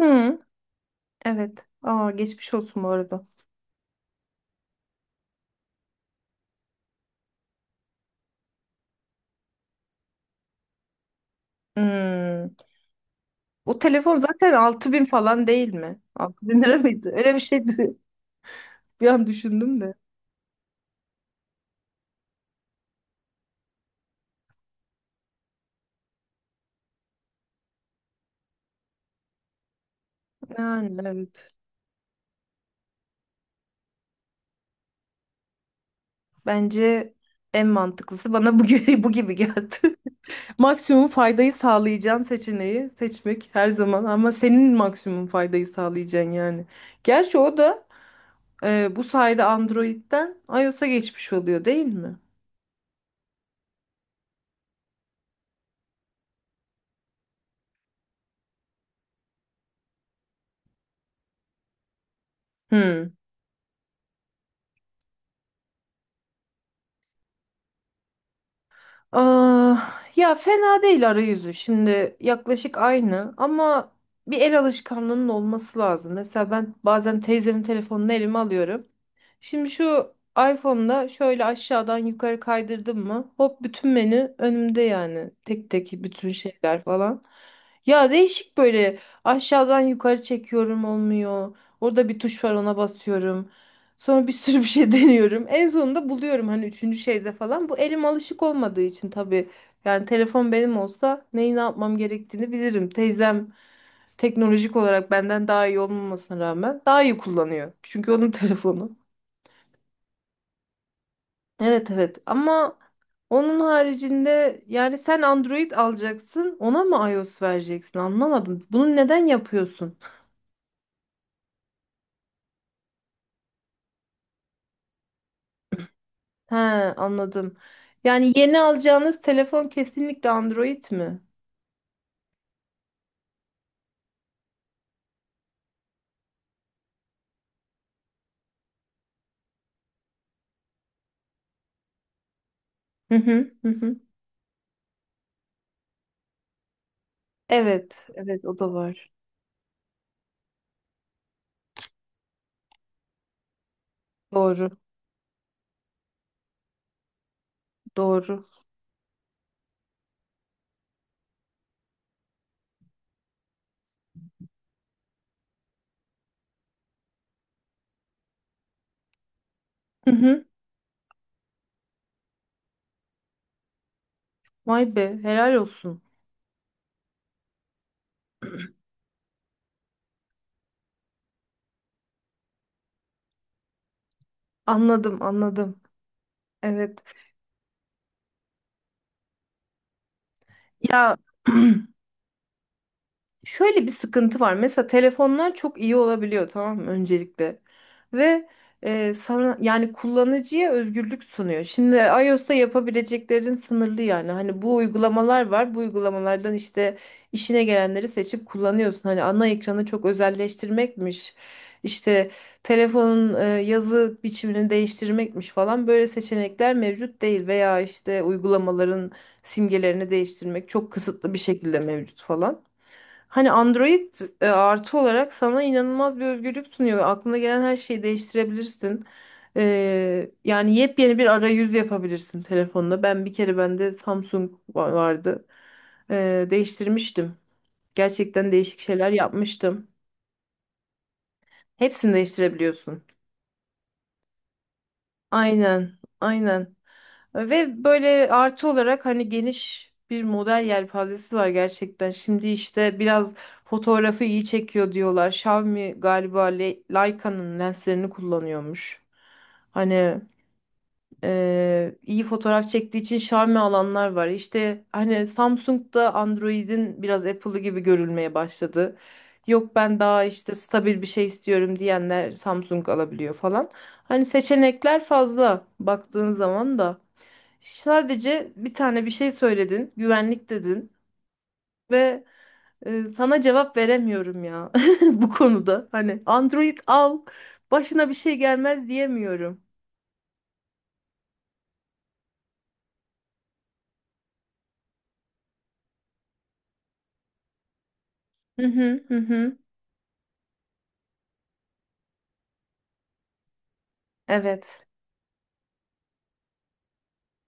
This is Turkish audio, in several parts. Hı, evet. Aa, geçmiş olsun bu arada. Hmm. O telefon zaten 6.000 falan değil mi? 6.000 lira mıydı? Öyle bir şeydi. Bir an düşündüm de. Yani evet. Bence en mantıklısı bana bu gibi, bu gibi geldi. Maksimum faydayı sağlayacağın seçeneği seçmek her zaman ama senin maksimum faydayı sağlayacaksın yani. Gerçi o da bu sayede Android'den iOS'a geçmiş oluyor değil mi? Hmm. Aa, ya fena değil arayüzü şimdi yaklaşık aynı ama bir el alışkanlığının olması lazım. Mesela ben bazen teyzemin telefonunu elime alıyorum. Şimdi şu iPhone'da şöyle aşağıdan yukarı kaydırdım mı hop bütün menü önümde yani tek tek bütün şeyler falan. Ya değişik böyle aşağıdan yukarı çekiyorum olmuyor. Orada bir tuş var ona basıyorum. Sonra bir sürü bir şey deniyorum. En sonunda buluyorum hani üçüncü şeyde falan. Bu elim alışık olmadığı için tabii. Yani telefon benim olsa neyi ne yapmam gerektiğini bilirim. Teyzem teknolojik olarak benden daha iyi olmamasına rağmen daha iyi kullanıyor. Çünkü onun telefonu. Evet, evet, ama onun haricinde yani sen Android alacaksın ona mı iOS vereceksin anlamadım. Bunu neden yapıyorsun? He, anladım. Yani yeni alacağınız telefon kesinlikle Android mi? Hı hı. Hı hı. Evet, evet, o da var. Doğru, doğru. Hı hı. Vay be, helal olsun. Anladım, anladım. Evet. Ya, şöyle bir sıkıntı var. Mesela telefonlar çok iyi olabiliyor tamam mı öncelikle. Ve sana yani kullanıcıya özgürlük sunuyor. Şimdi iOS'ta yapabileceklerin sınırlı yani. Hani bu uygulamalar var. Bu uygulamalardan işte işine gelenleri seçip kullanıyorsun. Hani ana ekranı çok özelleştirmekmiş. İşte telefonun yazı biçimini değiştirmekmiş falan böyle seçenekler mevcut değil veya işte uygulamaların simgelerini değiştirmek çok kısıtlı bir şekilde mevcut falan. Hani Android artı olarak sana inanılmaz bir özgürlük sunuyor. Ve aklına gelen her şeyi değiştirebilirsin. Yani yepyeni bir arayüz yapabilirsin telefonla. Ben bir kere bende Samsung vardı. Değiştirmiştim. Gerçekten değişik şeyler yapmıştım. Hepsini değiştirebiliyorsun. Aynen, aynen. Ve böyle artı olarak hani geniş bir model yelpazesi var gerçekten. Şimdi işte biraz fotoğrafı iyi çekiyor diyorlar. Xiaomi galiba Leica'nın lenslerini kullanıyormuş. Hani iyi fotoğraf çektiği için Xiaomi alanlar var. İşte hani Samsung da Android'in biraz Apple'ı gibi görülmeye başladı. Yok ben daha işte stabil bir şey istiyorum diyenler Samsung alabiliyor falan. Hani seçenekler fazla baktığın zaman da. Sadece bir tane bir şey söyledin, güvenlik dedin ve sana cevap veremiyorum ya bu konuda. Hani Android al, başına bir şey gelmez diyemiyorum. Hı hı hı hı. Evet.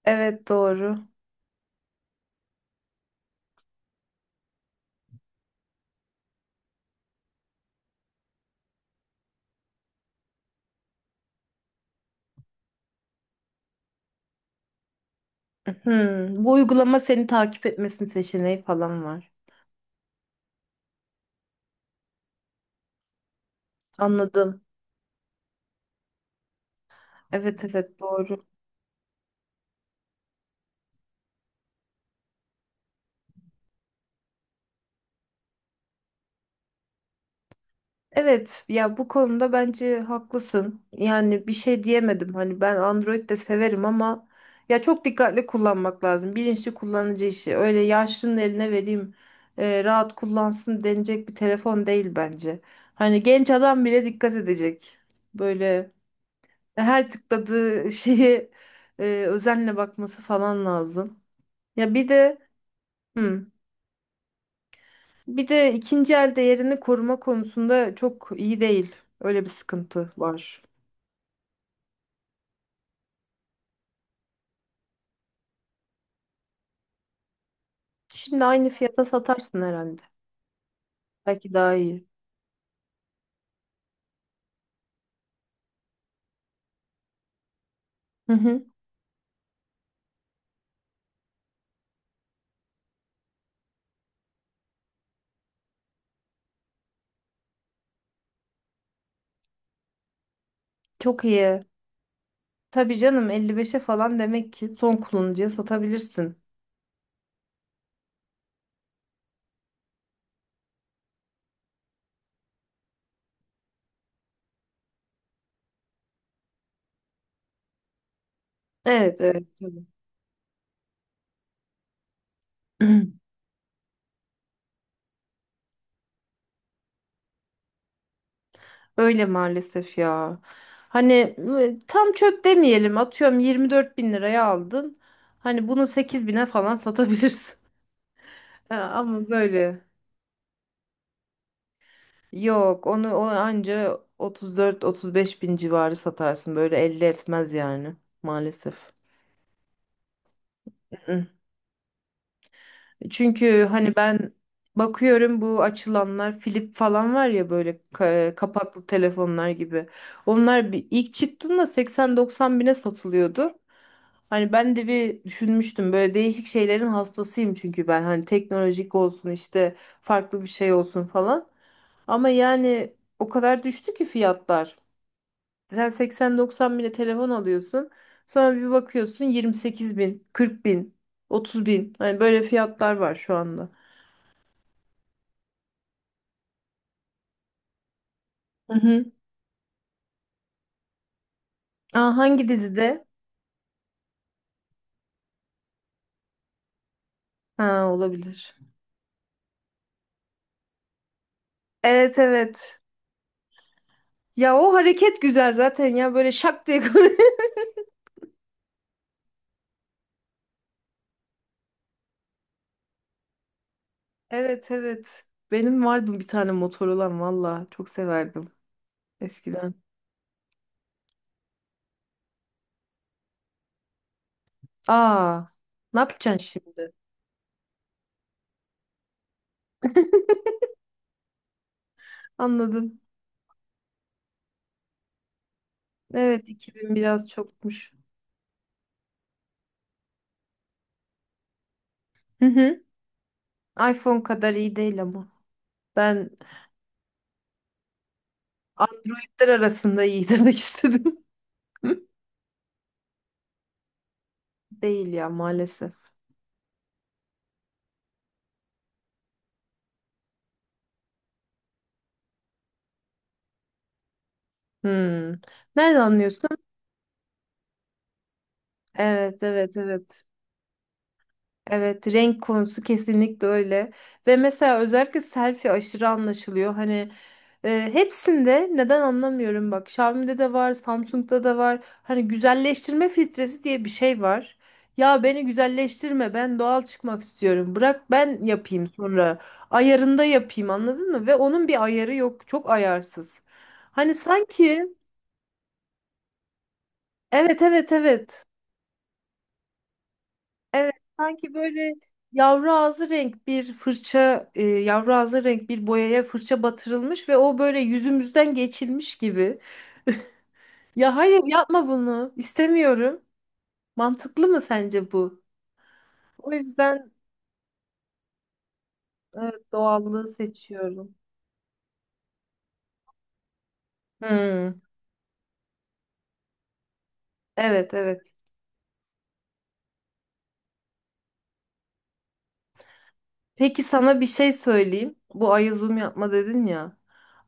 Evet, doğru. Bu uygulama seni takip etmesini seçeneği falan var. Anladım. Evet, evet, doğru. Evet, ya bu konuda bence haklısın. Yani bir şey diyemedim. Hani ben Android de severim ama ya çok dikkatli kullanmak lazım. Bilinçli kullanıcı işi. Öyle yaşlının eline vereyim rahat kullansın denecek bir telefon değil bence. Hani genç adam bile dikkat edecek. Böyle her tıkladığı şeye özenle bakması falan lazım. Ya bir de, hı, bir de ikinci el değerini koruma konusunda çok iyi değil. Öyle bir sıkıntı var. Şimdi aynı fiyata satarsın herhalde. Belki daha iyi. Hı hı. Çok iyi. Tabii canım, 55'e falan demek ki son kullanıcıya satabilirsin. Evet, evet, tabii. Öyle maalesef ya. Hani tam çöp demeyelim. Atıyorum 24 bin liraya aldın. Hani bunu 8.000'e falan satabilirsin. Ha, ama böyle. Yok, onu anca 34-35 bin civarı satarsın. Böyle 50 etmez yani maalesef. Mm. Çünkü hani ben bakıyorum bu açılanlar Flip falan var ya böyle kapaklı telefonlar gibi. Onlar bir, ilk çıktığında 80-90 bine satılıyordu. Hani ben de bir düşünmüştüm böyle değişik şeylerin hastasıyım çünkü ben hani teknolojik olsun işte farklı bir şey olsun falan. Ama yani o kadar düştü ki fiyatlar. Sen 80-90 bine telefon alıyorsun. Sonra bir bakıyorsun 28 bin, 40 bin, 30 bin. Hani böyle fiyatlar var şu anda. Hı hı. Aa, hangi dizide? Ha, olabilir. Evet, evet. Ya o hareket güzel zaten ya böyle şak diye. Evet, evet. Benim vardı bir tane motor valla. Çok severdim eskiden. Aa, ne yapacaksın şimdi? Anladım. Evet, 2000 biraz çokmuş. Hı hı. iPhone kadar iyi değil ama. Ben Androidler arasında iyi demek istedim. Değil ya maalesef. Hmm. Nereden anlıyorsun? Evet, evet, evet. Evet, renk konusu kesinlikle öyle. Ve mesela özellikle selfie aşırı anlaşılıyor. Hani hepsinde neden anlamıyorum bak. Xiaomi'de de var, Samsung'da da var. Hani güzelleştirme filtresi diye bir şey var. Ya beni güzelleştirme, ben doğal çıkmak istiyorum. Bırak ben yapayım sonra. Ayarında yapayım anladın mı? Ve onun bir ayarı yok. Çok ayarsız. Hani sanki. Evet, evet, evet. Evet, sanki böyle yavru ağzı renk bir fırça, yavru ağzı renk bir boyaya fırça batırılmış ve o böyle yüzümüzden geçilmiş gibi. Ya hayır yapma bunu, İstemiyorum. Mantıklı mı sence bu? O yüzden evet, doğallığı seçiyorum. Hmm, evet, evet. Peki sana bir şey söyleyeyim. Bu aya zoom yapma dedin ya.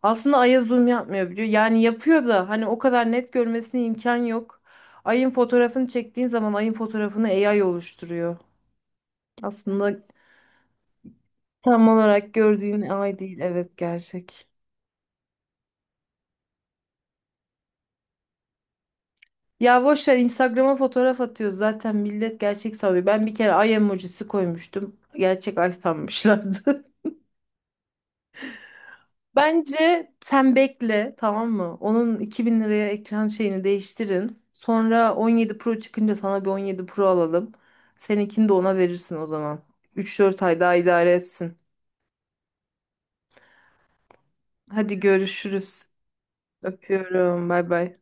Aslında aya zoom yapmıyor biliyor. Yani yapıyor da hani o kadar net görmesine imkan yok. Ayın fotoğrafını çektiğin zaman ayın fotoğrafını AI oluşturuyor. Aslında tam olarak gördüğün ay değil. Evet, gerçek. Ya boş ver, Instagram'a fotoğraf atıyor. Zaten millet gerçek sanıyor. Ben bir kere ay emojisi koymuştum. Gerçek ay sanmışlardı. Bence sen bekle tamam mı? Onun 2.000 liraya ekran şeyini değiştirin. Sonra 17 Pro çıkınca sana bir 17 Pro alalım. Seninkini de ona verirsin o zaman. 3-4 ay daha idare etsin. Hadi görüşürüz. Öpüyorum. Bay bay.